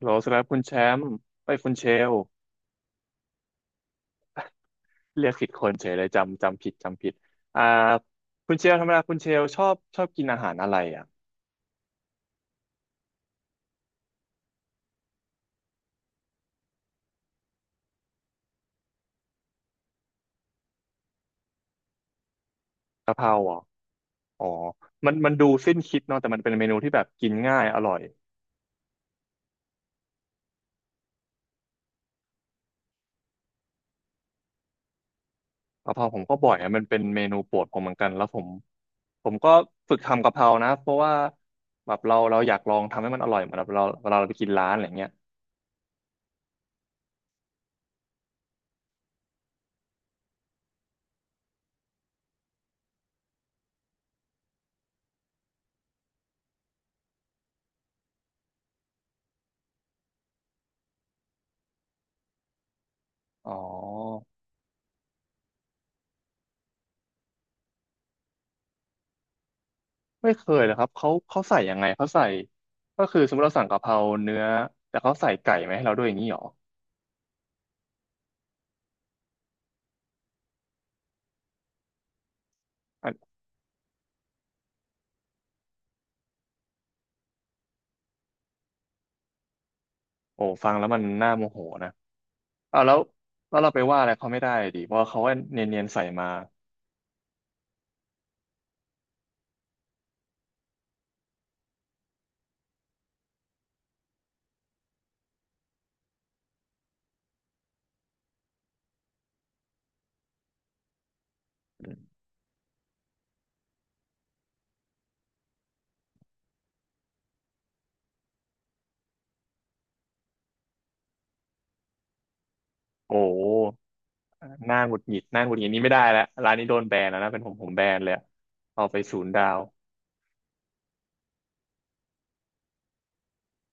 โหลสำหรับคุณแชมป์ไปคุณเชลเรียกผิดคนเฉยเลยจำผิดจำผิดอ่าคุณเชลธรรมดาคุณเชลชอบกินอาหารอะไรอ่ะกะเพราเหรออ๋อมันดูสิ้นคิดเนาะแต่มันเป็นเมนูที่แบบกินง่ายอร่อยกะเพราผมก็บ่อยอะมันเป็นเมนูโปรดผมเหมือนกันแล้วผมก็ฝึกทำกะเพรานะเพราะว่าแบบเราอยากลองทำให้มันอร่อยเหมือนแบบเราเวลาเราไปกินร้านอะไรเงี้ยอ๋อ ไม่เคยเลยครับเขาใส่ยังไงเขาใส่ก็คือสมมติเราสั่งกะเพราเนื้อแต่เขาใส่ไก่มาให้เราด้วยอย่างนี้หรออันโอ้ฟังแล้วมันน่าโมโหนะเอาแล้วแล้วเราไปว่าอะไรเขาไม่ได้ดิเพราะเขาก็เนียนๆใส่มาโอ้หน้าหงุดหงิดหน้าหงุดหงิดนี่ไม่ได้แล้วร้านนี้โดนแบนแล้วนะเป็นผมแบนเลยอะเอาไปศูนย์ดาว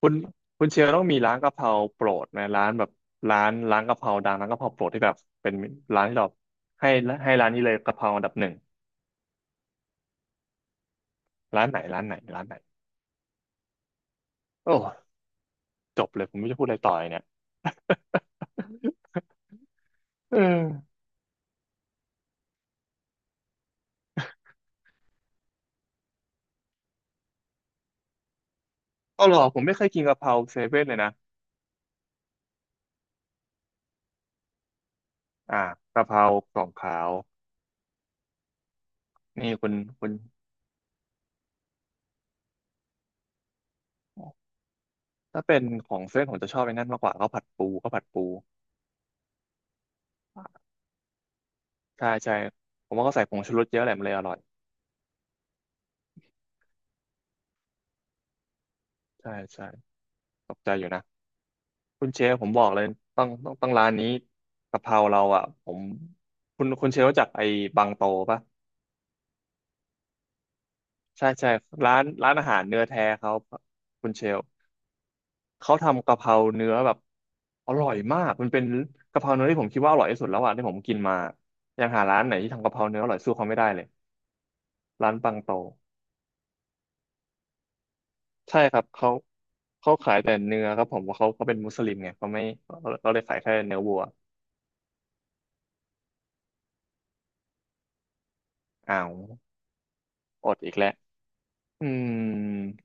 คุณคุณเชียร์ต้องมีร้านกะเพราโปรดไหมร้านแบบร้านกะเพราดังร้านกะเพราโปรดที่แบบเป็นร้านที่เราให้ให้ร้านนี้เลยกะเพราอันดับหนึ่งร้านไหน โอ้จบเลยผมไม่รู้จะพูดอะไรต่อเลยเนี่ยเออเอาหรอผมไม่เคยกินกะเพราเซเว่นเลยนะอ่ากะเพรากล่องขาวนี่คุณคุณถ้าเป็นของเซเว่นผมจะชอบไอ้นั่นมากกว่าข้าวผัดปูใช่ใช่ผมว่าเขาใส่ผงชูรสเยอะแหละมันเลยอร่อยใช่ใช่ตกใจอยู่นะคุณเชฟผมบอกเลยต้องร้านนี้กะเพราเราอ่ะผมคุณเชฟรู้จักไอ้บางโตปะใช่ใช่ร้านอาหารเนื้อแท้เขาคุณเชล เขาทำกะเพราเนื้อแบบอร่อยมากมันเป็นกะเพราเนื้อที่ผมคิดว่าอร่อยที่สุดแล้วอะที่ผมกินมายังหาร้านไหนที่ทำกะเพราเนื้ออร่อยสู้เขาไม่ได้เลยร้านปังโตใช่ครับเขาขายแต่เนื้อครับผมว่าะเขาก็เป็นมุสลิมไงเขาไม่เลยขายแค่เนื้อวัวอ้าวอดอีกแล้วอืม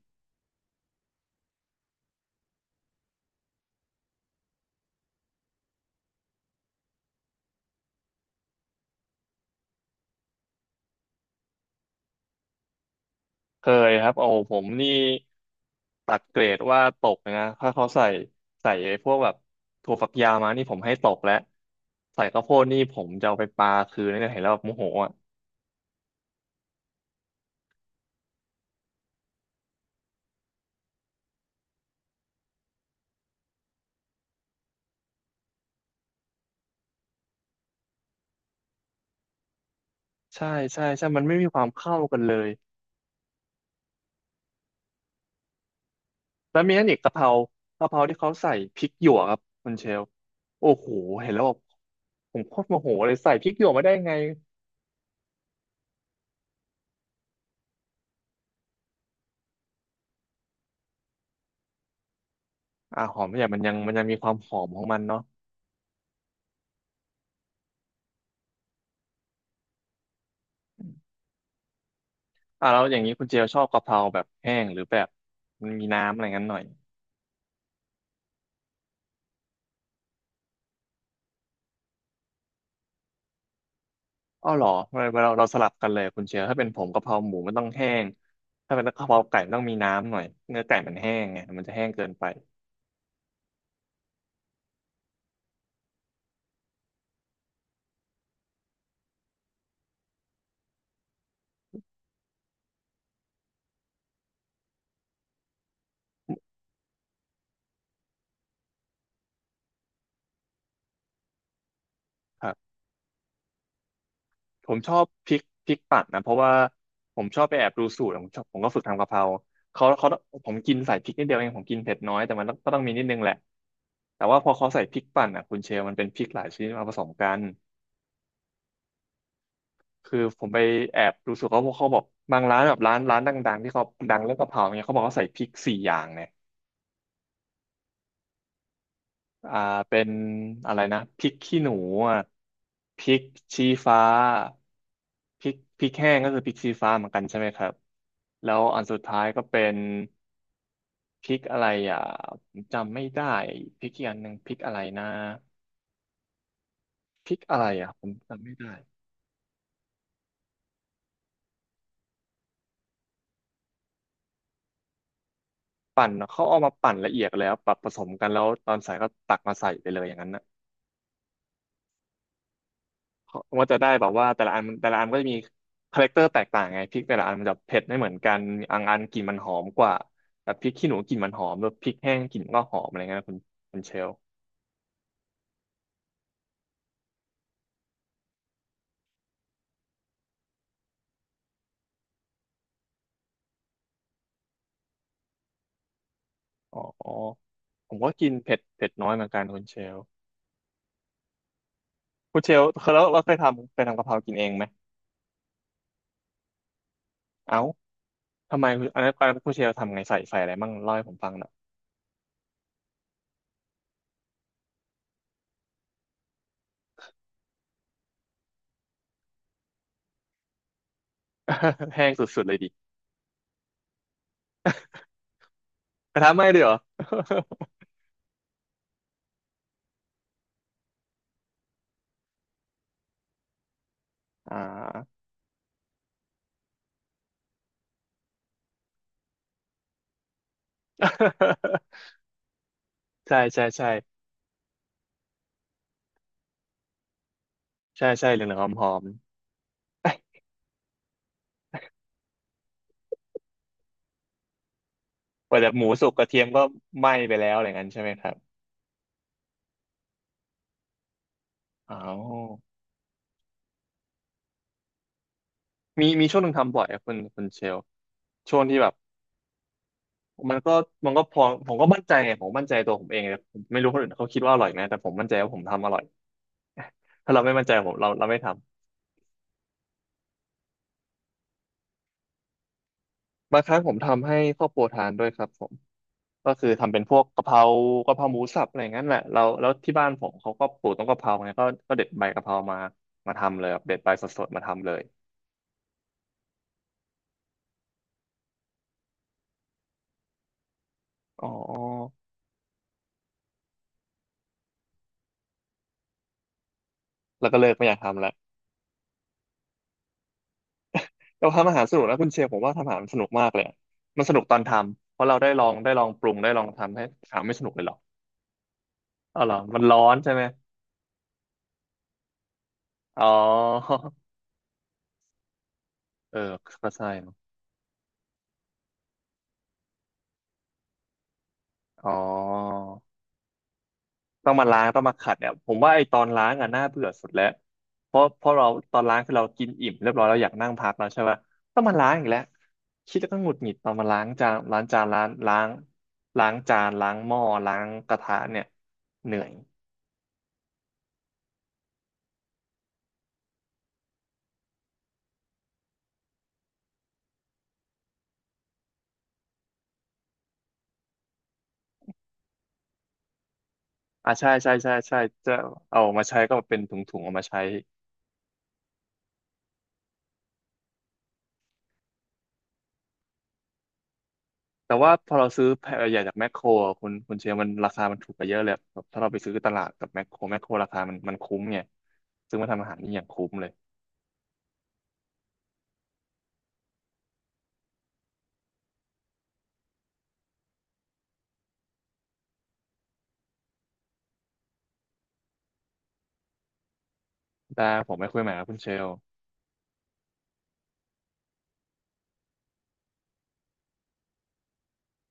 เคยครับโอ้ผมนี่ตัดเกรดว่าตกเลยนะถ้าเขาใส่ใส่ไอ้พวกแบบถั่วฝักยาวมานี่ผมให้ตกแล้วใส่ข้าวโพดนี่ผมจะเอาไปปาคืนนี่เห็นแล้วแบบโมโห ใช่ใช่ใช่มันไม่มีความเข้ากันเลยแล้วมีอันอีกกะเพรากะเพราที่เขาใส่พริกหยวกครับคุณเชลโอ้โหเห็นแล้วแบบผมโคตรโมโหเลยใส่พริกหยวกมาได้ไงอ่าหอมเนี่ยมันยังมีความหอมของมันเนาะอ่าแล้วอย่างนี้คุณเจลชอบกะเพราแบบแห้งหรือแบบมันมีน้ำอะไรงั้นหน่อยอ้อเหรอเราสลับกันเลยคุณเชลถ้าเป็นผมกะเพราหมูมันต้องแห้งถ้าเป็นกะเพราไก่มันต้องมีน้ำหน่อยเนื้อไก่มันแห้งไงมันจะแห้งเกินไป ผมชอบพริกปั่นนะเพราะว่าผมชอบไปแอบดูสูตรผมชอบผมก็ฝึกทำกะเพราเขาเขาผมกินใส่พริกนิดเดียวเองผมกินเผ็ดน้อยแต่มันต้องก็ต้องมีนิดนึงแหละแต่ว่าพอเขาใส่พริกปั่นอ่ะคุณเชลมันเป็นพริกหลายชนิดมาผสมกันคือผมไปแอบดูสูตรเขาเพราะเขาบอกบางร้านแบบร้านดังๆที่เขาดังเรื่องกะเพราเนี่ยเขาบอกเขาใส่พริกสี่อย่างเนี่ย อ่าเป็นอะไรนะพริกขี้หนูอ่ะพริกชี้ฟ้าพริกแห้งก็คือพริกชี้ฟ้าเหมือนกันใช่ไหมครับแล้วอันสุดท้ายก็เป็นพริกอะไรอ่ะผมจำไม่ได้พริกอีกอันหนึ่งพริกอะไรนะพริกอะไรอ่ะผมจำไม่ได้ปั่นเขาเอามาปั่นละเอียดแล้วปรับผสมกันแล้วตอนใส่ก็ตักมาใส่ไปเลยอย่างนั้นนะ ว่าจะได้แบบว่าแต่ละอันก็จะมีคาแรคเตอร์แตกต่างไงพริกแต่ละอันมันจะเผ็ดไม่เหมือนกันอันกลิ่นมันหอมกว่าแบบพริกขี้หนูกลิ่นมันหอมแบบพริกแห้งกลิ่นก็หอมอะไรเงี้ยคุณคุณเชลอ๋อผมก็กินเผ็ดน้อยเหมือนกันคุณเชลคุณเชลเคยแล้วเราเคยทำกะเพรากินเองไหมเอ้าทำไมคุณอันนั้นคุณเชลทำไงใส่อะไรมั่งเล่าให้ผมฟังหน่อย แห้งสุดๆเลยดิกระทะไหม้ด้วยเหรอ อ่า ใช่ใช่ใช่ใช่ใช่เหลืองๆหอมๆ กว่าจะหมูสุกกระเทียมก็ไหม้ไปแล้วอะไรเงน้ยใช่ไหมครับอ๋อมีช่วงหนึ่งทำบ่อยครับคุณเชลช่วงที่แบบมันก็มันก็พอผมก็มั่นใจไงผมมั่นใจตัวผมเองเลยผมไม่รู้คนอื่นเขาคิดว่าอร่อยไหมแต่ผมมั่นใจว่าผมทำอร่อย ถ้าเราไม่มั่นใจผมเราไม่ทำบางครั้งผมทำให้ครอบครัวทานด้วยครับผมก็คือทำเป็นพวกกะเพรากะเพราหมูสับอะไรอย่างนั้นแหละเราแล้วที่บ้านผมเขาก็ปลูกต้นกะเพราไงก็เด็ดใบกะเพรามามาทำเลยครับเด็ดใบสดๆมาทำเลยอ๋อแล้วก็เลิกไม่อยากทำละ เราทำอาหารสนุกนะคุณเชลผมว่าทำอาหารสนุกมากเลยอะมันสนุกตอนทำ เพราะเราได้ลองได้ลองปรุงได้ลองทำให้ถามไม่สนุกเลยหรอกอ๋อเหรอมันร้อนใช่ไหมอ๋อ เออก็ใช่เนอะอ๋อต้องมาล้างต้องมาขัดเนี่ยผมว่าไอ้ตอนล้างอ่ะน่าเบื่อสุดแล้วเพราะเราตอนล้างคือเรากินอิ่มเรียบร้อยเราอยากนั่งพักแล้วใช่ปะต้องมาล้างอีกแล้วคิดแล้วก็หงุดหงิดตอนมาล้างจานล้างจานล้างล้างจานล้างหม้อล้างกระทะเนี่ยเหนื่อย อ่าใช่ใช่ใช่ใช่จะเอาออกมาใช้ก็เป็นถุงๆออกมาใช้แต่ว่าพอเราซื้อแพ็คใหญ่จากแมคโครอะคุณเชียร์มันราคามันถูกกว่าเยอะเลยแบบถ้าเราไปซื้อตลาดกับแมคโครแมคโครราคามันคุ้มไงซึ่งมาทำอาหารนี่อย่างคุ้มเลยได้ผมไม่คุยใหม่ครับคุณเชล